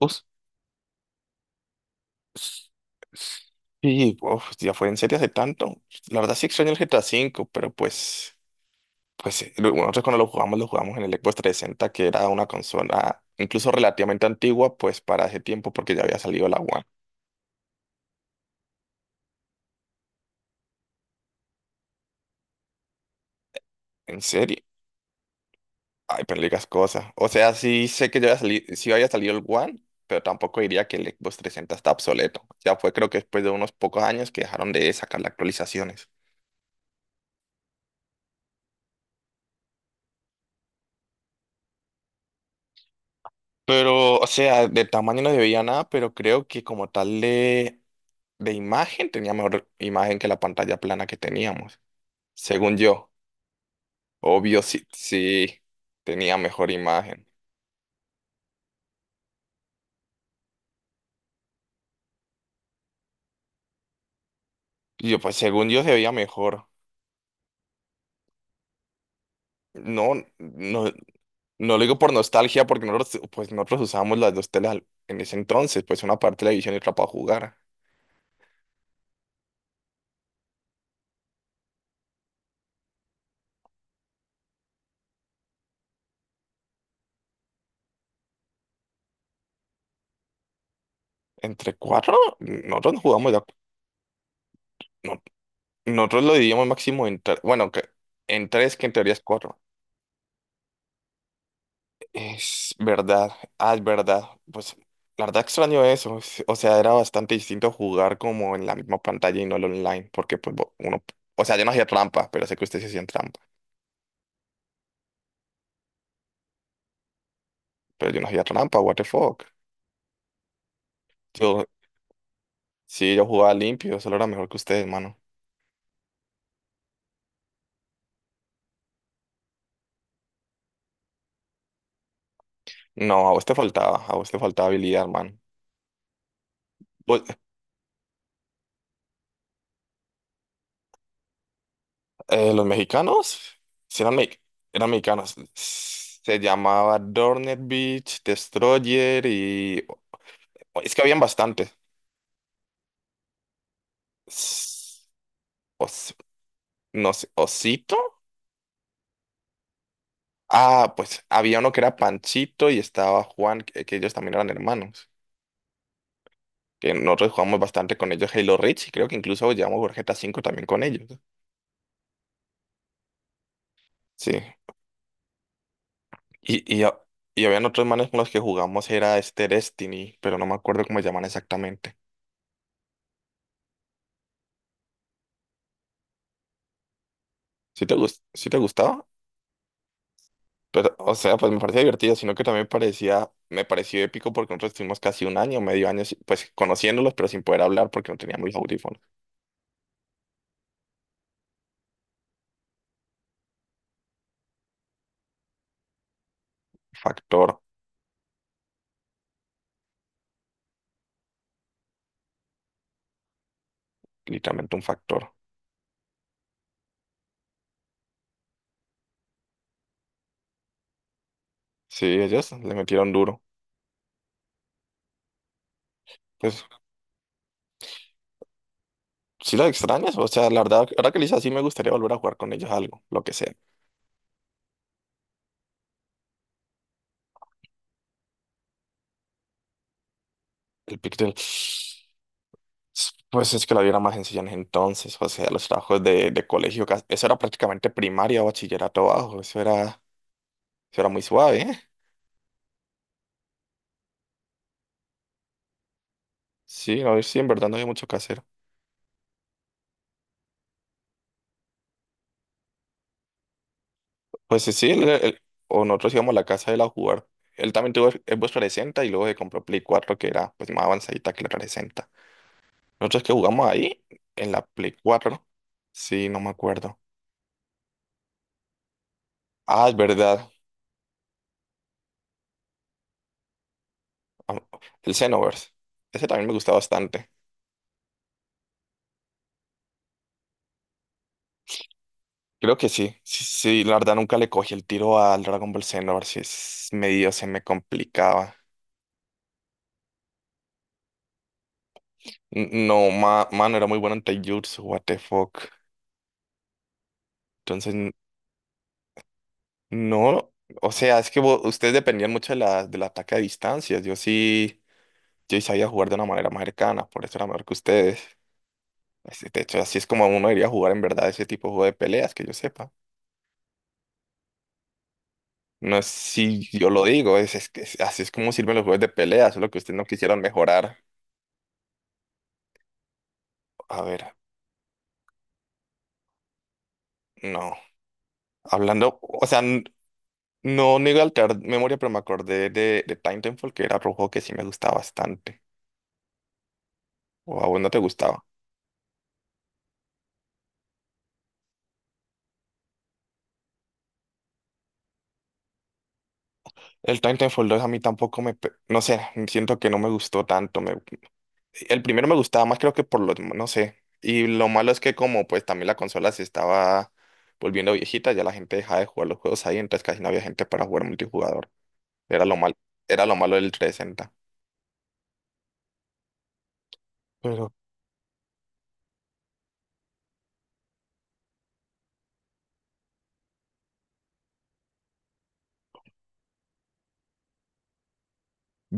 Us- s- s- Sí, uf, ya fue en serie hace tanto. La verdad sí extraño el GTA V, pero pues, bueno, nosotros cuando lo jugamos en el Xbox 360, que era una consola incluso relativamente antigua, pues para ese tiempo, porque ya había salido la One. En serie. Ay, pero no digas cosas. O sea, sí sé que ya había salido, sí había salido el One, pero tampoco diría que el Xbox 360 está obsoleto. Ya fue creo que después de unos pocos años que dejaron de sacar las actualizaciones. Pero, o sea, de tamaño no se veía nada, pero creo que como tal de imagen tenía mejor imagen que la pantalla plana que teníamos. Según yo, obvio, sí, sí tenía mejor imagen. Y yo, pues según yo se veía mejor. No, no, no lo digo por nostalgia, porque nosotros, pues nosotros usábamos las dos telas en ese entonces, pues una para televisión y otra para jugar. Entre cuatro, nosotros no jugamos, de a- no- nosotros lo dividíamos máximo en tres, bueno, que, en tres, que en teoría es cuatro. Es verdad, ah, es verdad. Pues la verdad extraño eso. O sea, era bastante distinto jugar como en la misma pantalla y no el online, porque pues uno, o sea, yo no hacía trampa, pero sé que ustedes sí hacían trampa, pero yo no hacía trampa, what the fuck. Yo, sí, yo jugaba limpio, solo era mejor que ustedes, mano. No, a vos te faltaba, a vos te faltaba habilidad, man. Vos- los mexicanos, sí eran, eran mexicanos. Se llamaba Dornet Beach, Destroyer y es que habían bastantes. Os, no sé, Osito. Ah, pues había uno que era Panchito y estaba Juan, que ellos también eran hermanos. Que nosotros jugamos bastante con ellos Halo Reach y creo que incluso llevamos Gorjeta 5 también con ellos, ¿no? Sí. Y, y, ha- y habían otros manes con los que jugamos, era este Destiny, pero no me acuerdo cómo se llaman exactamente. ¿Sí te gustaba? Pero, o sea, pues me parecía divertido, sino que también me pareció épico porque nosotros estuvimos casi un año, medio año, pues conociéndolos, pero sin poder hablar porque no teníamos los audífonos. Factor, literalmente un factor. Sí, ellas le metieron duro. Pues sí las extrañas, o sea, la verdad, ahora que le hice así me gustaría volver a jugar con ellas algo, lo que sea. El Pictel, pues es que la vida era más sencilla en ese entonces, o sea, los trabajos de colegio, eso era prácticamente primaria o bachillerato bajo, eso era muy suave, ¿eh? Sí, no, sí, en verdad no había mucho que hacer. Pues sí, sí, o nosotros íbamos a la casa de él a jugar. Él también tuvo Xbox 360 y luego se compró Play 4, que era pues más avanzadita que la 360. Nosotros que jugamos ahí en la Play 4. Sí, no me acuerdo. Ah, es verdad. Am- El Xenoverse. Ese también me gusta bastante. Creo que sí. Sí, sí, la verdad nunca le cogí el tiro al Dragon Ball Xenoverse. Es medio se me complicaba. No, mano, era muy bueno en Taijutsu, what the fuck. Entonces, no. O sea, es que ustedes dependían mucho del ataque a distancias. Yo sí, yo sí sabía jugar de una manera más cercana, por eso era mejor que ustedes. De hecho, así es como uno debería jugar en verdad ese tipo de juego de peleas, que yo sepa. No es si yo lo digo, es que así es como sirven los juegos de peleas, solo que ustedes no quisieron mejorar. A ver, no. Hablando, o sea, no niego alterar memoria, pero me acordé de Titanfall, que era otro juego que sí me gustaba bastante. O a vos no te gustaba. El Titanfall 2 a mí tampoco me, no sé, siento que no me gustó tanto. El primero me gustaba más, creo que por los, no sé. Y lo malo es que como pues también la consola se estaba volviendo viejita, ya la gente dejaba de jugar los juegos ahí, entonces casi no había gente para jugar multijugador. Era lo mal, era lo malo del 360. Pero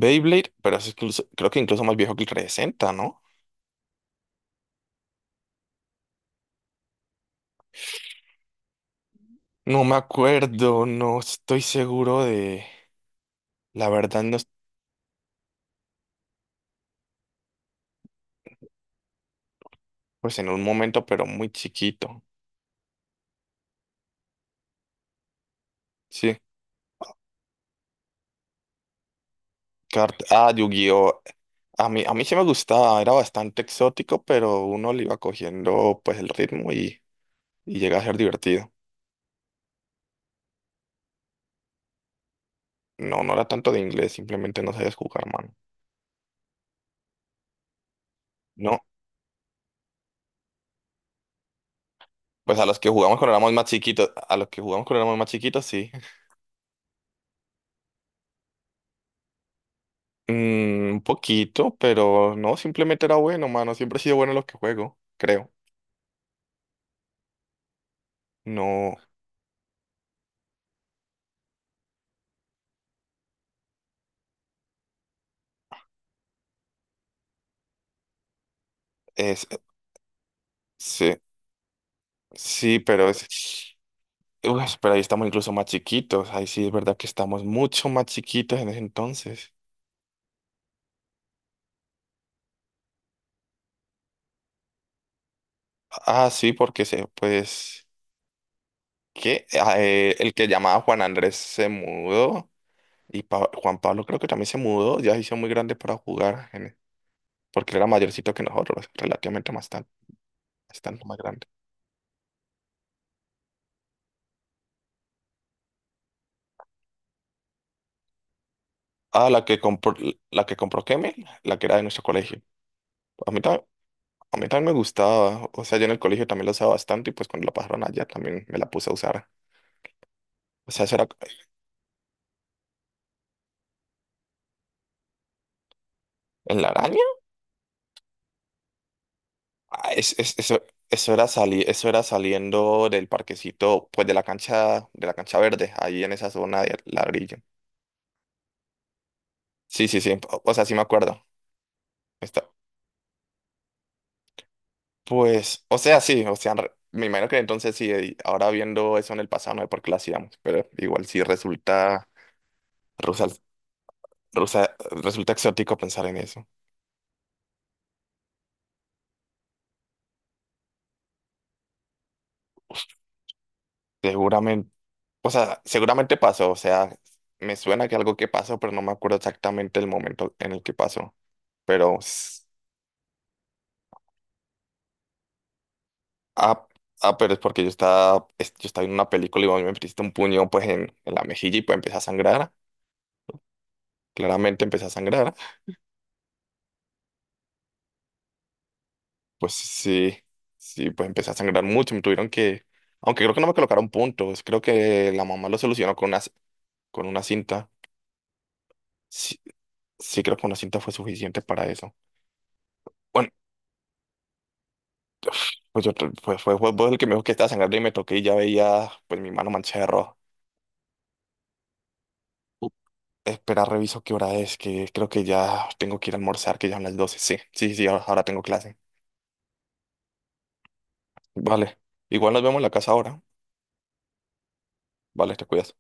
Beyblade, pero es creo que incluso más viejo que el 360, ¿no? No me acuerdo, no estoy seguro de, la verdad no, pues en un momento, pero muy chiquito. Sí, ah, Yu-Gi-Oh! A mí sí me gustaba, era bastante exótico, pero uno le iba cogiendo pues el ritmo y llega a ser divertido. No, no era tanto de inglés, simplemente no sabías jugar, mano. No, pues a los que jugamos cuando éramos más chiquitos, a los que jugamos cuando éramos más chiquitos, sí. Mm, un poquito, pero no, simplemente era bueno, mano. Siempre he sido bueno en lo que juego, creo. No, es, sí, sí, pero es. Uf, pero ahí estamos incluso más chiquitos, ahí sí es verdad que estamos mucho más chiquitos en ese entonces. Ah, sí, porque que el que llamaba Juan Andrés se mudó y Juan Pablo creo que también se mudó, ya se hizo muy grande para jugar, porque él era mayorcito que nosotros, relativamente bastante más grande. Ah, la que compró Kemel, la que era de nuestro colegio. A mí, ta- a mí también me gustaba, o sea, yo en el colegio también la usaba bastante y pues cuando la pasaron allá también me la puse a usar. O sea, eso era en la. Ah, eso, eso era saliendo del parquecito, pues de la cancha, verde, ahí en esa zona de ladrillo. Sí, sí, sí. O sea, sí me acuerdo. Está, pues, o sea, sí, o sea, me imagino que entonces sí, ahora viendo eso en el pasado, no sé por qué lo hacíamos, pero igual sí rusa- rusa- resulta exótico pensar en eso. Seguramente, o sea, seguramente pasó, o sea, me suena que algo que pasó, pero no me acuerdo exactamente el momento en el que pasó, pero. Ah, ah, pero es porque yo estaba en una película y vos me metiste un puño pues en la mejilla y pues empecé a sangrar. Claramente empecé a sangrar. Pues sí, sí, pues empecé a sangrar mucho. Me tuvieron que, aunque creo que no me colocaron puntos, creo que la mamá lo solucionó con una, con una cinta. Sí, sí, creo que una cinta fue suficiente para eso. Bueno, pues, pues fue vos el que me dijo que estaba sangrando y me toqué y ya veía pues mi mano manchada de rojo. Uh, Espera, reviso qué hora es, que creo que ya tengo que ir a almorzar, que ya son las 12. Sí, sí, sí, ahora tengo clase. Vale. Igual nos vemos en la casa ahora. Vale, te cuidas.